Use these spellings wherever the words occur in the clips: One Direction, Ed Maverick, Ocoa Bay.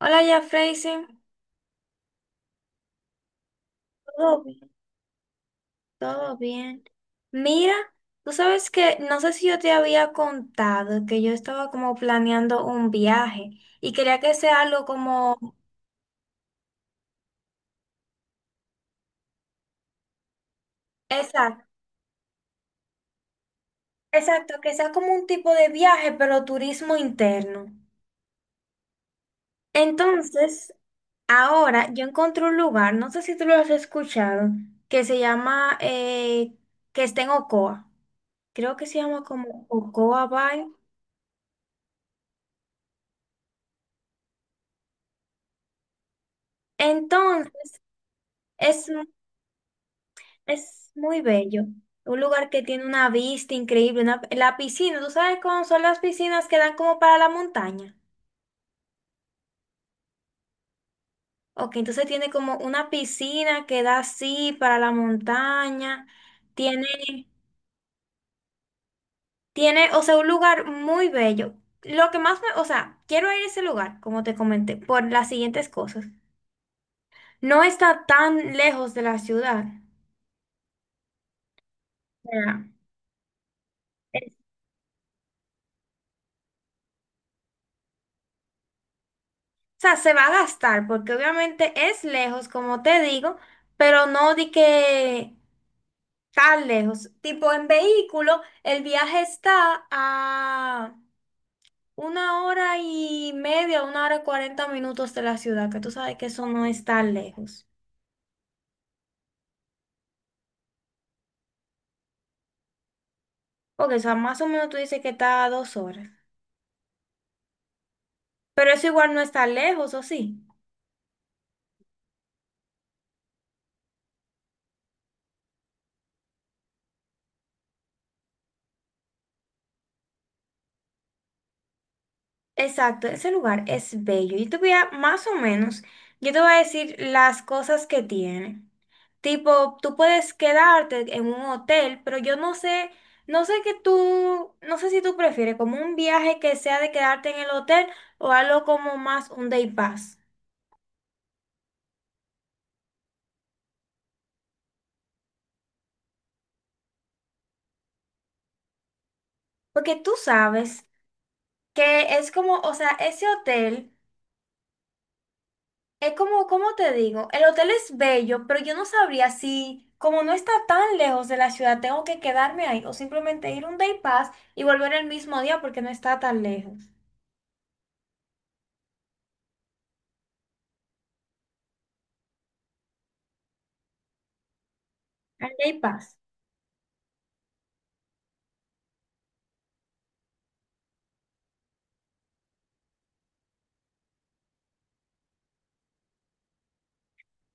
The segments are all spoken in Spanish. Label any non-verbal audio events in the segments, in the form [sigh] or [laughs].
Hola, ya Freisen. Todo bien, todo bien. Mira, tú sabes que no sé si yo te había contado que yo estaba como planeando un viaje y quería que sea algo como exacto, exacto, que sea como un tipo de viaje, pero turismo interno. Entonces, ahora yo encontré un lugar, no sé si tú lo has escuchado, que se llama que está en Ocoa. Creo que se llama como Ocoa Bay. Entonces, es Es muy bello. Un lugar que tiene una vista increíble. Una, la piscina, ¿tú sabes cómo son las piscinas que dan como para la montaña? Ok, entonces tiene como una piscina que da así para la montaña. Tiene, tiene, o sea, un lugar muy bello. Lo que más me, o sea, quiero ir a ese lugar, como te comenté, por las siguientes cosas. No está tan lejos de la ciudad. Sea, es- o se va a gastar porque obviamente es lejos, como te digo, pero no di que tan lejos. Tipo, en vehículo, el viaje está a 1 hora y media, 1 hora y 40 minutos de la ciudad, que tú sabes que eso no es tan lejos. Porque, o sea, más o menos tú dices que está a 2 horas. Pero eso igual no está lejos, ¿o sí? Exacto, ese lugar es bello. Yo te voy a, más o menos, yo te voy a decir las cosas que tiene. Tipo, tú puedes quedarte en un hotel, pero yo no sé, no sé que tú, no sé si tú prefieres como un viaje que sea de quedarte en el hotel o algo como más un day pass. Porque tú sabes que es como, o sea, ese hotel. Es como, cómo te digo, el hotel es bello, pero yo no sabría si, como no está tan lejos de la ciudad, tengo que quedarme ahí o simplemente ir un day pass y volver el mismo día porque no está tan lejos. Al day pass.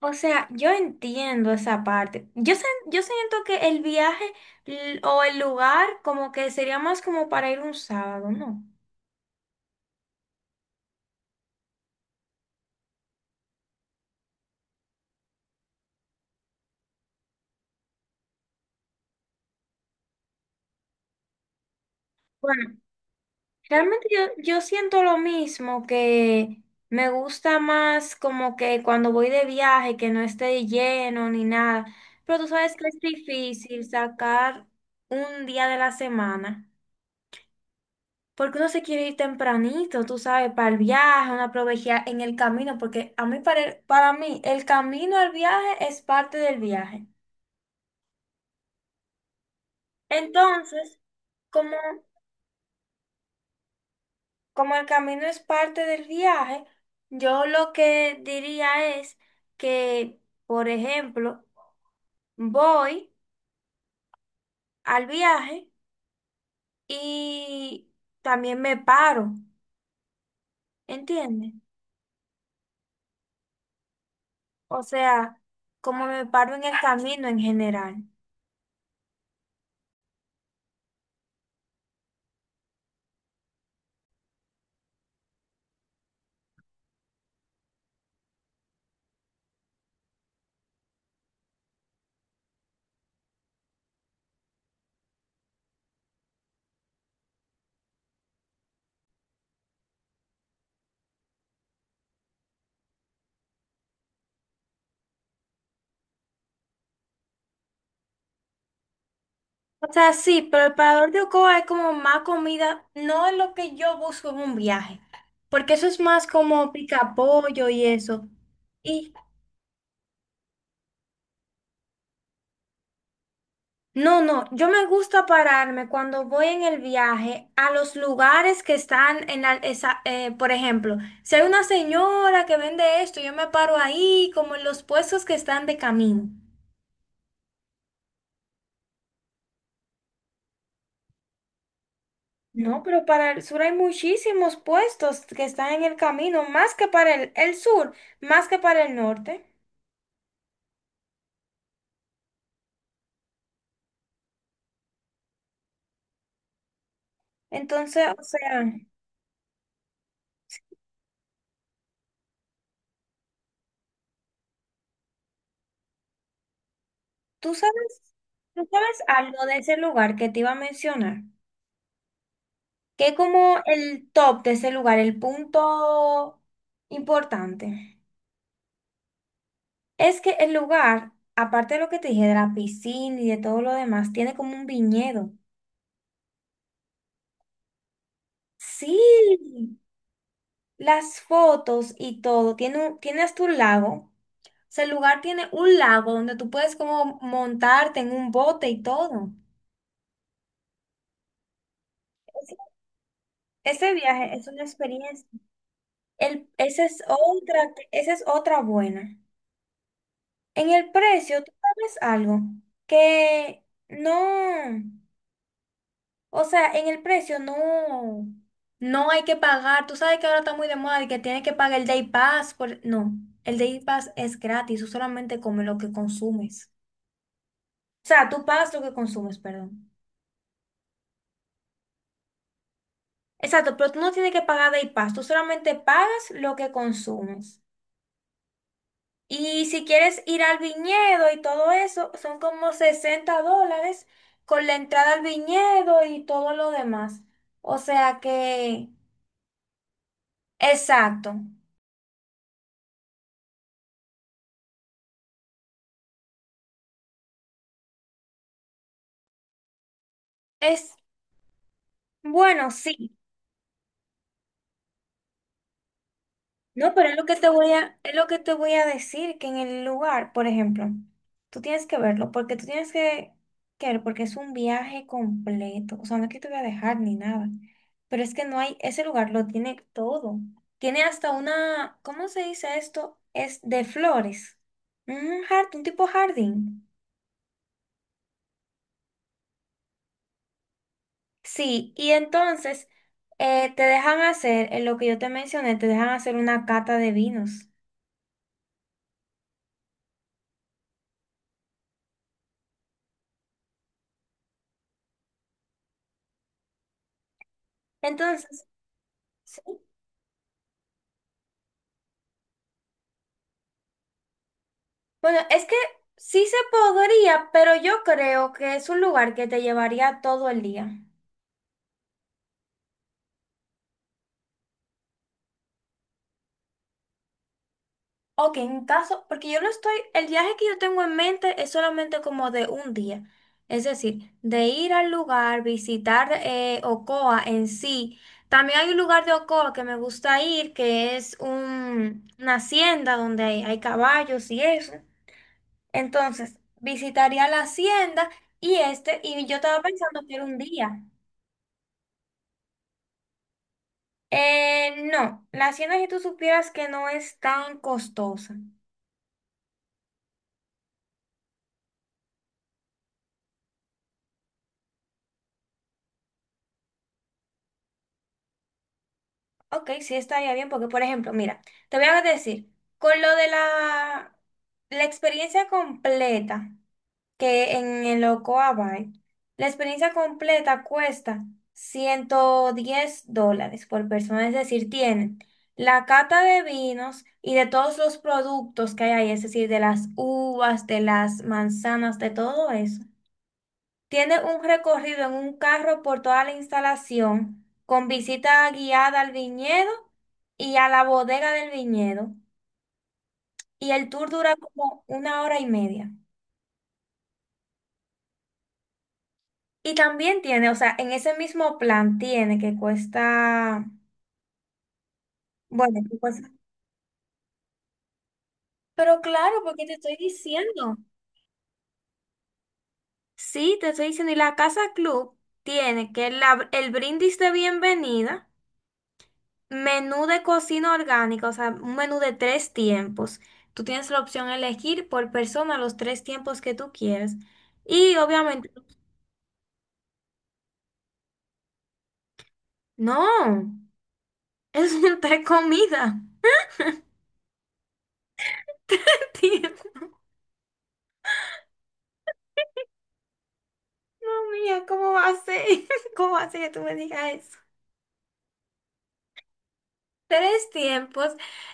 O sea, yo entiendo esa parte. Yo, yo siento que el viaje o el lugar como que sería más como para ir un sábado, ¿no? Bueno. Realmente yo siento lo mismo, que me gusta más como que cuando voy de viaje, que no esté lleno ni nada. Pero tú sabes que es difícil sacar un día de la semana, porque uno se quiere ir tempranito, tú sabes, para el viaje, uno aprovecha en el camino, porque a mí para, para mí el camino al viaje es parte del viaje. Entonces, como Como el camino es parte del viaje, yo lo que diría es que, por ejemplo, voy al viaje y también me paro, ¿entiendes? O sea, como me paro en el camino en general. O sea, sí, pero el parador de Ocoa es como más comida, no es lo que yo busco en un viaje, porque eso es más como pica pollo y eso. Y no, no, yo me gusta pararme cuando voy en el viaje a los lugares que están en la, por ejemplo, si hay una señora que vende esto, yo me paro ahí, como en los puestos que están de camino. No, pero para el sur hay muchísimos puestos que están en el camino, más que para el sur, más que para el norte. Entonces, o sea, tú sabes, tú sabes algo de ese lugar que te iba a mencionar. ¿Qué como el top de ese lugar, el punto importante? Es que el lugar, aparte de lo que te dije, de la piscina y de todo lo demás, tiene como un viñedo. Sí, las fotos y todo. Tiene hasta un lago. O sea, el lugar tiene un lago donde tú puedes como montarte en un bote y todo. Ese Ese viaje es una experiencia. El, esa es otra buena. En el precio, tú sabes algo, que no, o sea, en el precio no, no hay que pagar. Tú sabes que ahora está muy de moda y que tienes que pagar el Day Pass. Por... No, el Day Pass es gratis, tú solamente comes lo que consumes. O sea, tú pagas lo que consumes, perdón. Exacto, pero tú no tienes que pagar Day Pass, tú solamente pagas lo que consumes. Y si quieres ir al viñedo y todo eso, son como $60 con la entrada al viñedo y todo lo demás. O sea que, exacto. Es bueno, sí. No, pero es lo que te voy a, es lo que te voy a decir, que en el lugar, por ejemplo, tú tienes que verlo, porque tú tienes que ver, porque es un viaje completo. O sea, no es que te voy a dejar ni nada. Pero es que no hay, ese lugar lo tiene todo. Tiene hasta una, ¿cómo se dice esto? Es de flores. Un jardín, un tipo jardín. Sí, y entonces te dejan hacer, en lo que yo te mencioné, te dejan hacer una cata de vinos. Entonces, sí, bueno, es que sí se podría, pero yo creo que es un lugar que te llevaría todo el día. Ok, en caso, porque yo lo estoy, el viaje que yo tengo en mente es solamente como de un día. Es decir, de ir al lugar, visitar Ocoa en sí. También hay un lugar de Ocoa que me gusta ir, que es una hacienda donde hay caballos y eso. Entonces, visitaría la hacienda y este, y yo estaba pensando que era un día. No, la hacienda si tú supieras que no es tan costosa. Ok, sí estaría bien porque, por ejemplo, mira, te voy a decir, con lo de la, la experiencia completa que en el Ocoa Bay, la experiencia completa cuesta $110 por persona, es decir, tienen la cata de vinos y de todos los productos que hay ahí, es decir, de las uvas, de las manzanas, de todo eso. Tiene un recorrido en un carro por toda la instalación, con visita guiada al viñedo y a la bodega del viñedo. Y el tour dura como 1 hora y media. Y también tiene, o sea, en ese mismo plan tiene que cuesta, bueno, pero claro, porque te estoy diciendo. Sí, te estoy diciendo. Y la casa club tiene que el brindis de bienvenida. Menú de cocina orgánica, o sea, un menú de tres tiempos. Tú tienes la opción de elegir por persona los tres tiempos que tú quieras. Y obviamente, no, es [laughs] un tres comidas. [laughs] Dios mía, ¿cómo va a ser? [laughs] ¿Cómo va a ser que tú me digas eso? Tres tiempos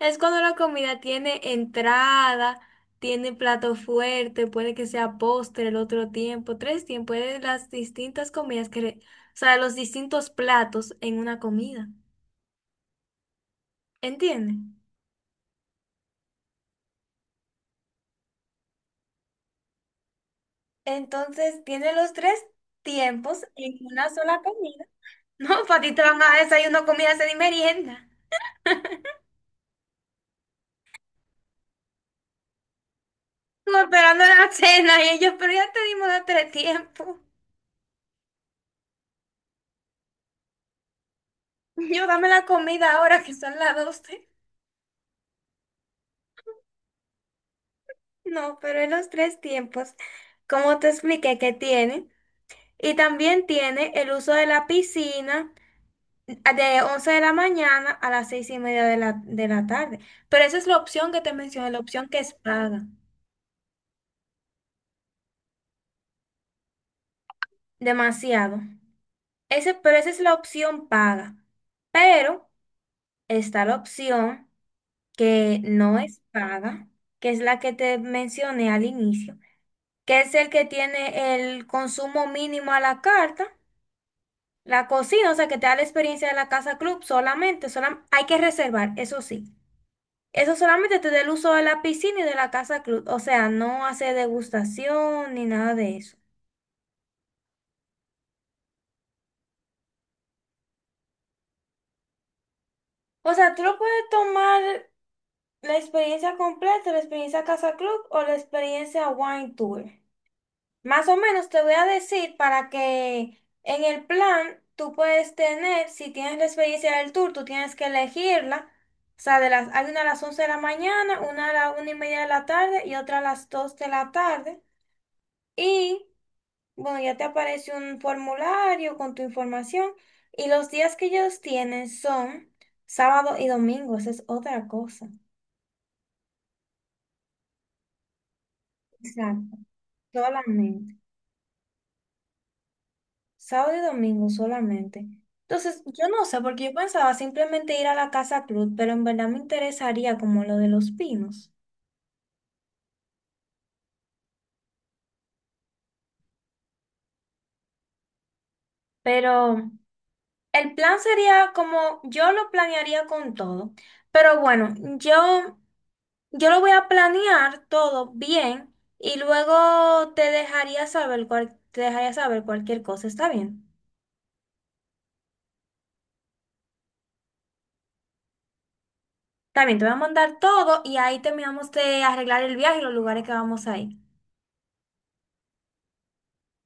es cuando la comida tiene entrada, tiene plato fuerte, puede que sea postre el otro tiempo. Tres tiempos es las distintas comidas que, los distintos platos en una comida. ¿Entienden? Entonces tiene los tres tiempos en una sola comida. [laughs] No, para ti te van a desayuno, comida, cena y merienda. Tú esperando la cena y ellos, pero ya te dimos los tres tiempos. [laughs] Yo dame la comida ahora que son las 12. No, pero en los tres tiempos, como te expliqué que tiene. Y también tiene el uso de la piscina de 11 de la mañana a las 6 y media de de la tarde. Pero esa es la opción que te mencioné, la opción que es paga. Demasiado. Ese, pero esa es la opción paga. Pero está la opción que no es paga, que es la que te mencioné al inicio, que es el que tiene el consumo mínimo a la carta, la cocina, o sea, que te da la experiencia de la casa club solamente, hay que reservar, eso sí. Eso solamente te da el uso de la piscina y de la casa club, o sea, no hace degustación ni nada de eso. O sea, tú lo puedes tomar ¿la experiencia completa, la experiencia Casa Club o la experiencia Wine Tour? Más o menos te voy a decir para que en el plan tú puedes tener, si tienes la experiencia del tour, tú tienes que elegirla. O sea, de las, hay una a las 11 de la mañana, una a la 1 y media de la tarde y otra a las 2 de la tarde. Y bueno, ya te aparece un formulario con tu información. Y los días que ellos tienen son sábado y domingo, esa es otra cosa. Exacto, solamente. Sábado y domingo solamente. Entonces, yo no sé, porque yo pensaba simplemente ir a la Casa Club, pero en verdad me interesaría como lo de los pinos. Pero el plan sería como yo lo planearía con todo. Pero bueno, yo lo voy a planear todo bien y luego te dejaría saber te dejaría saber cualquier cosa. ¿Está bien? Está bien, te voy a mandar todo y ahí terminamos de arreglar el viaje y los lugares que vamos a ir.